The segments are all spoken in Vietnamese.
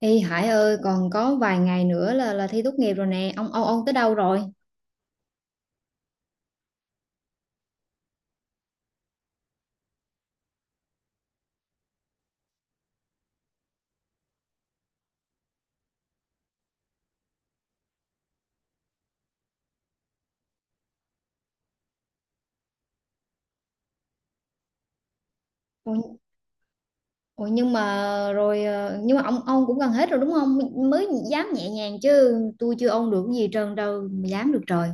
Ê Hải ơi, còn có vài ngày nữa là thi tốt nghiệp rồi nè. Ông tới đâu rồi? Ủa, ủa, nhưng mà rồi nhưng mà ông cũng gần hết rồi đúng không? Mới dám nhẹ nhàng chứ tôi chưa ông được cái gì trơn đâu mà dám được trời.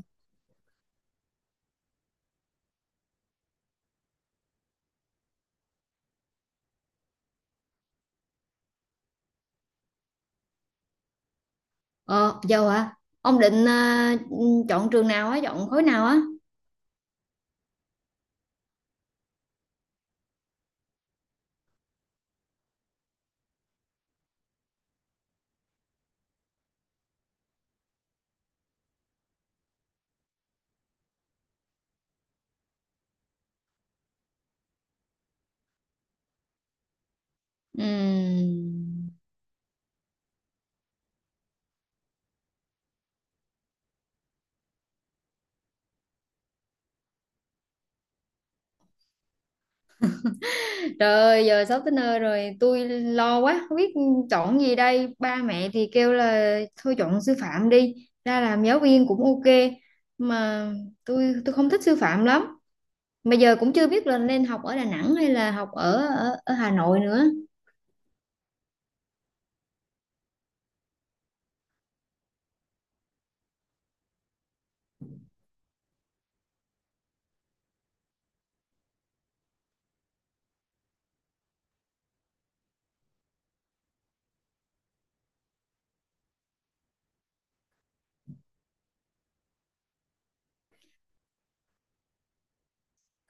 Ờ, dâu hả? Ông định chọn trường nào á, chọn khối nào á? Ừm. Trời ơi, giờ sắp tới nơi rồi, tôi lo quá, không biết chọn gì đây. Ba mẹ thì kêu là thôi chọn sư phạm đi, ra làm giáo viên cũng ok. Mà tôi không thích sư phạm lắm. Mà giờ cũng chưa biết là nên học ở Đà Nẵng hay là học ở ở, ở Hà Nội nữa.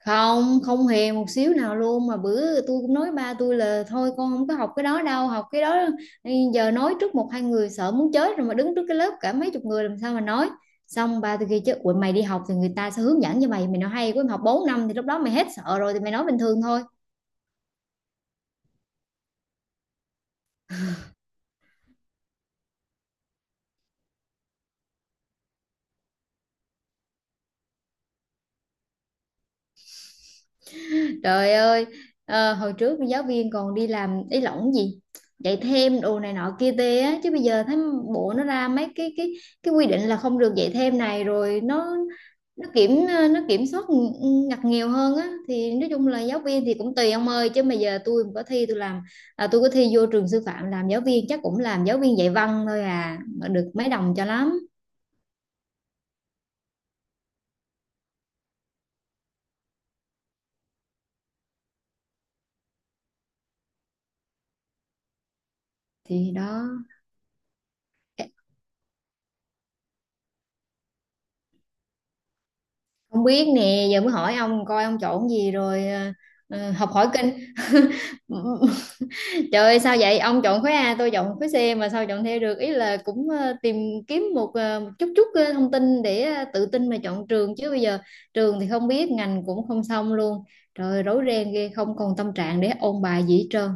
Không không hề một xíu nào luôn, mà bữa tôi cũng nói ba tôi là thôi con không có học cái đó đâu, học cái đó giờ nói trước một hai người sợ muốn chết rồi, mà đứng trước cái lớp cả mấy chục người làm sao mà nói. Xong ba tôi kêu chứ: "Ủa, mày đi học thì người ta sẽ hướng dẫn cho mày mày nói hay quá, mày học 4 năm thì lúc đó mày hết sợ rồi thì mày nói bình thường thôi." Trời ơi, hồi trước giáo viên còn đi làm ý lỏng gì, dạy thêm đồ này nọ kia tê á, chứ bây giờ thấy bộ nó ra mấy cái quy định là không được dạy thêm này, rồi nó nó kiểm soát ngặt nghèo hơn á. Thì nói chung là giáo viên thì cũng tùy ông ơi, chứ mà giờ tôi mà có thi, tôi có thi vô trường sư phạm làm giáo viên chắc cũng làm giáo viên dạy văn thôi, à mà được mấy đồng cho lắm. Thì đó. Không biết nè, giờ mới hỏi ông coi ông chọn gì rồi học hỏi kinh. Trời ơi sao vậy? Ông chọn khối A, tôi chọn khối C mà sao chọn theo được? Ý là cũng tìm kiếm một một chút chút thông tin để tự tin mà chọn trường, chứ bây giờ trường thì không biết, ngành cũng không xong luôn. Trời ơi, rối ren ghê, không còn tâm trạng để ôn bài gì hết trơn.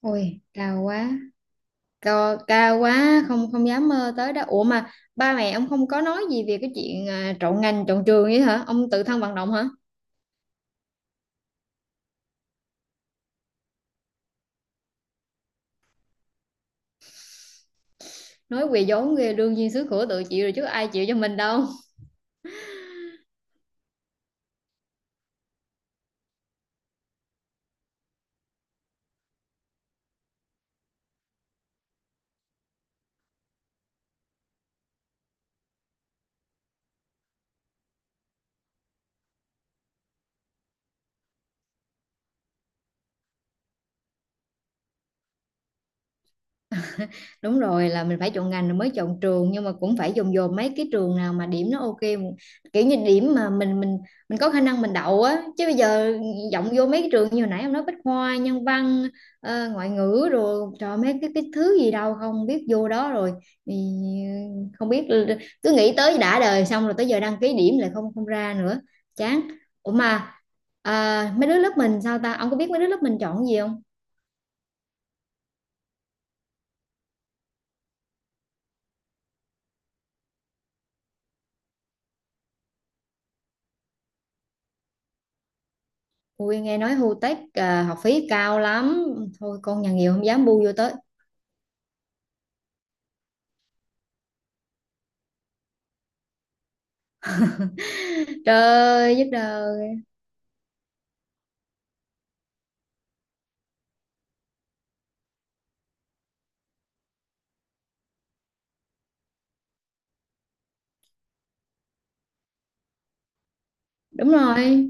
Ôi, cao quá. Cao, cao quá, không không dám mơ tới đó. Ủa mà ba mẹ ông không có nói gì về cái chuyện chọn ngành, chọn trường vậy hả? Ông tự thân vận động hả? Nói quỳ vốn ghê, đương nhiên xứ khổ tự chịu rồi chứ ai chịu cho mình đâu. Đúng rồi, là mình phải chọn ngành rồi mới chọn trường, nhưng mà cũng phải dồn dồn mấy cái trường nào mà điểm nó ok, kiểu như điểm mà mình có khả năng mình đậu á. Chứ bây giờ vọng vô mấy cái trường như hồi nãy ông nói Bách Khoa, nhân văn, ngoại ngữ rồi trời, mấy cái thứ gì đâu không biết, vô đó rồi thì không biết, cứ nghĩ tới đã đời xong rồi tới giờ đăng ký điểm lại không không ra nữa. Chán. Ủa mà mấy đứa lớp mình sao ta, ông có biết mấy đứa lớp mình chọn gì không? Ui nghe nói Hu Tech à, học phí cao lắm. Thôi con nhà nghèo không dám bu vô tới. Trời ơi giúp đời. Đúng rồi.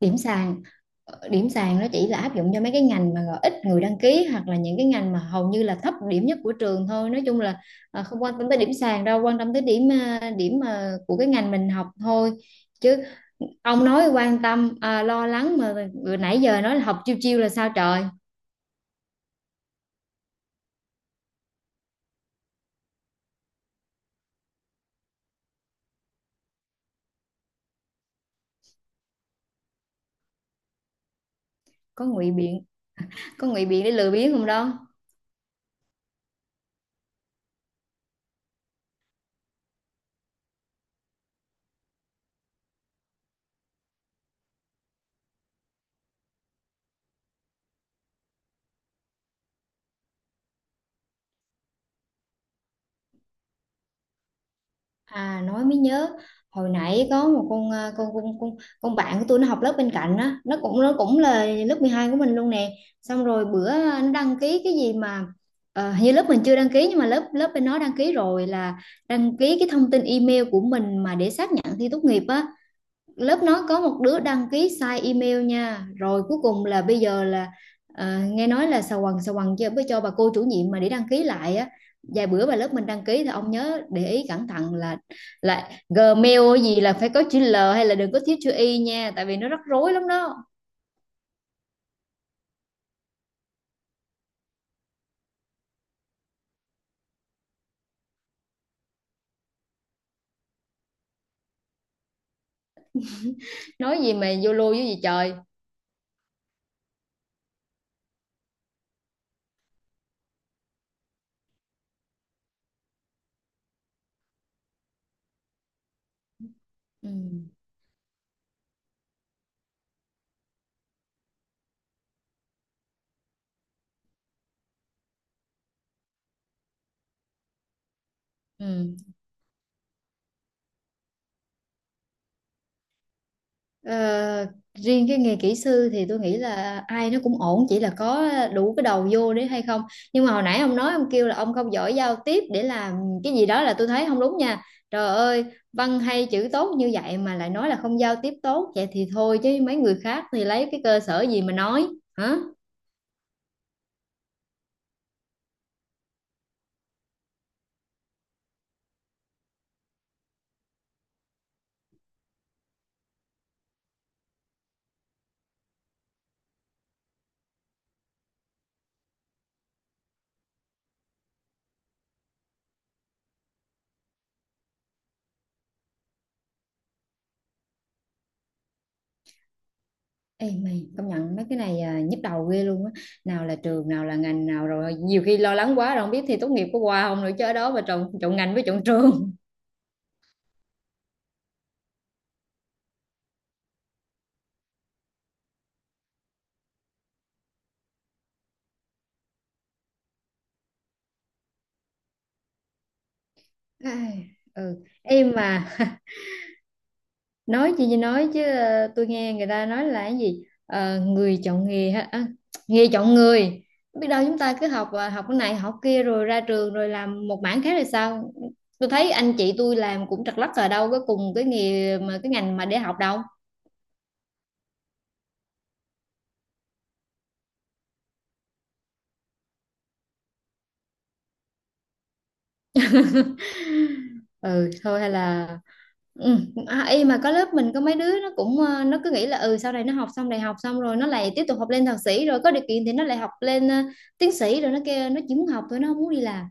Điểm sàn. Ờ, điểm sàn nó chỉ là áp dụng cho mấy cái ngành mà gọi ít người đăng ký, hoặc là những cái ngành mà hầu như là thấp điểm nhất của trường thôi. Nói chung là không quan tâm tới điểm sàn đâu, quan tâm tới điểm à, điểm à, của cái ngành mình học thôi. Chứ ông nói quan tâm à, lo lắng mà nãy giờ nói là học chiêu chiêu là sao trời. Có ngụy biện. Có ngụy biện để lừa biếng không đó. À nói mới nhớ, hồi nãy có một con à, con con bạn của tôi nó học lớp bên cạnh á, nó cũng là lớp 12 của mình luôn nè. Xong rồi bữa nó đăng ký cái gì mà hình như lớp mình chưa đăng ký, nhưng mà lớp lớp bên nó đăng ký rồi, là đăng ký cái thông tin email của mình mà để xác nhận thi tốt nghiệp á. Lớp nó có một đứa đăng ký sai email nha, rồi cuối cùng là bây giờ là nghe nói là xà quần cho với cho bà cô chủ nhiệm mà để đăng ký lại á. Vài bữa bà lớp mình đăng ký thì ông nhớ để ý cẩn thận là Gmail gì là phải có chữ L hay là đừng có thiếu chữ Y nha, tại vì nó rắc rối lắm đó. Nói gì mà vô lô với gì trời. Ừ. Ừ. Ờ, riêng cái nghề kỹ sư thì tôi nghĩ là ai nó cũng ổn, chỉ là có đủ cái đầu vô đấy hay không. Nhưng mà hồi nãy ông nói ông kêu là ông không giỏi giao tiếp để làm cái gì đó là tôi thấy không đúng nha. Trời ơi, văn hay chữ tốt như vậy mà lại nói là không giao tiếp tốt, vậy thì thôi chứ mấy người khác thì lấy cái cơ sở gì mà nói hả? Ê mày công nhận mấy cái này à, nhức đầu ghê luôn á, nào là trường nào là ngành nào, rồi nhiều khi lo lắng quá rồi không biết thi tốt nghiệp có qua không nữa, chứ ở đó mà trộn trộn ngành với trộn trường. Ai, ừ em mà nói gì thì nói, chứ tôi nghe người ta nói là cái gì, ờ, người chọn nghề ha nghề chọn người. Biết đâu chúng ta cứ học học cái này học kia rồi ra trường rồi làm một mảng khác là sao. Tôi thấy anh chị tôi làm cũng trật lất ở đâu có cùng cái nghề mà cái ngành mà để học đâu. Ừ thôi hay là ừ. Y mà có lớp mình có mấy đứa nó cũng nó cứ nghĩ là ừ sau này nó học xong đại học xong rồi nó lại tiếp tục học lên thạc sĩ, rồi có điều kiện thì nó lại học lên tiến sĩ, rồi nó kêu nó chỉ muốn học thôi nó không muốn đi làm.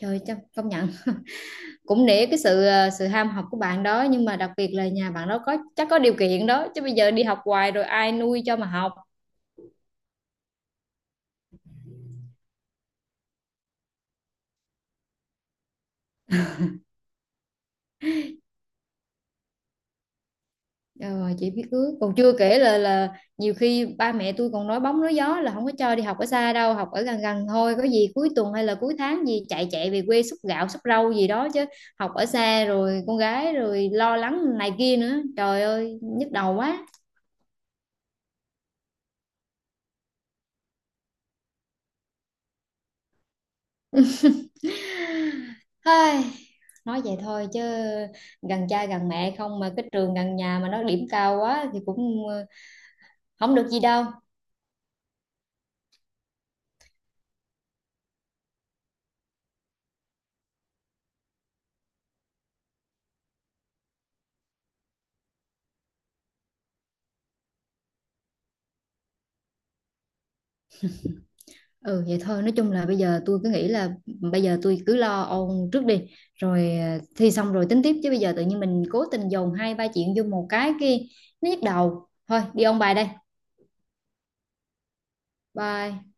Trời chắc công nhận, cũng nể cái sự sự ham học của bạn đó, nhưng mà đặc biệt là nhà bạn đó có chắc có điều kiện đó, chứ bây giờ đi học hoài rồi ai nuôi cho mà học. Ờ, chỉ biết ước còn chưa kể là nhiều khi ba mẹ tôi còn nói bóng nói gió là không có cho đi học ở xa đâu, học ở gần gần thôi, có gì cuối tuần hay là cuối tháng gì chạy chạy về quê xúc gạo xúc rau gì đó, chứ học ở xa rồi con gái rồi lo lắng này kia nữa trời ơi nhức đầu quá. Ai, nói vậy thôi chứ gần cha gần mẹ không mà cái trường gần nhà mà nó điểm cao quá thì cũng không được gì đâu. Ừ vậy thôi, nói chung là bây giờ tôi cứ nghĩ là bây giờ tôi cứ lo ôn trước đi, rồi thi xong rồi tính tiếp, chứ bây giờ tự nhiên mình cố tình dồn hai ba chuyện vô một cái kia nó nhức đầu thôi. Đi ôn bài đây. Bye.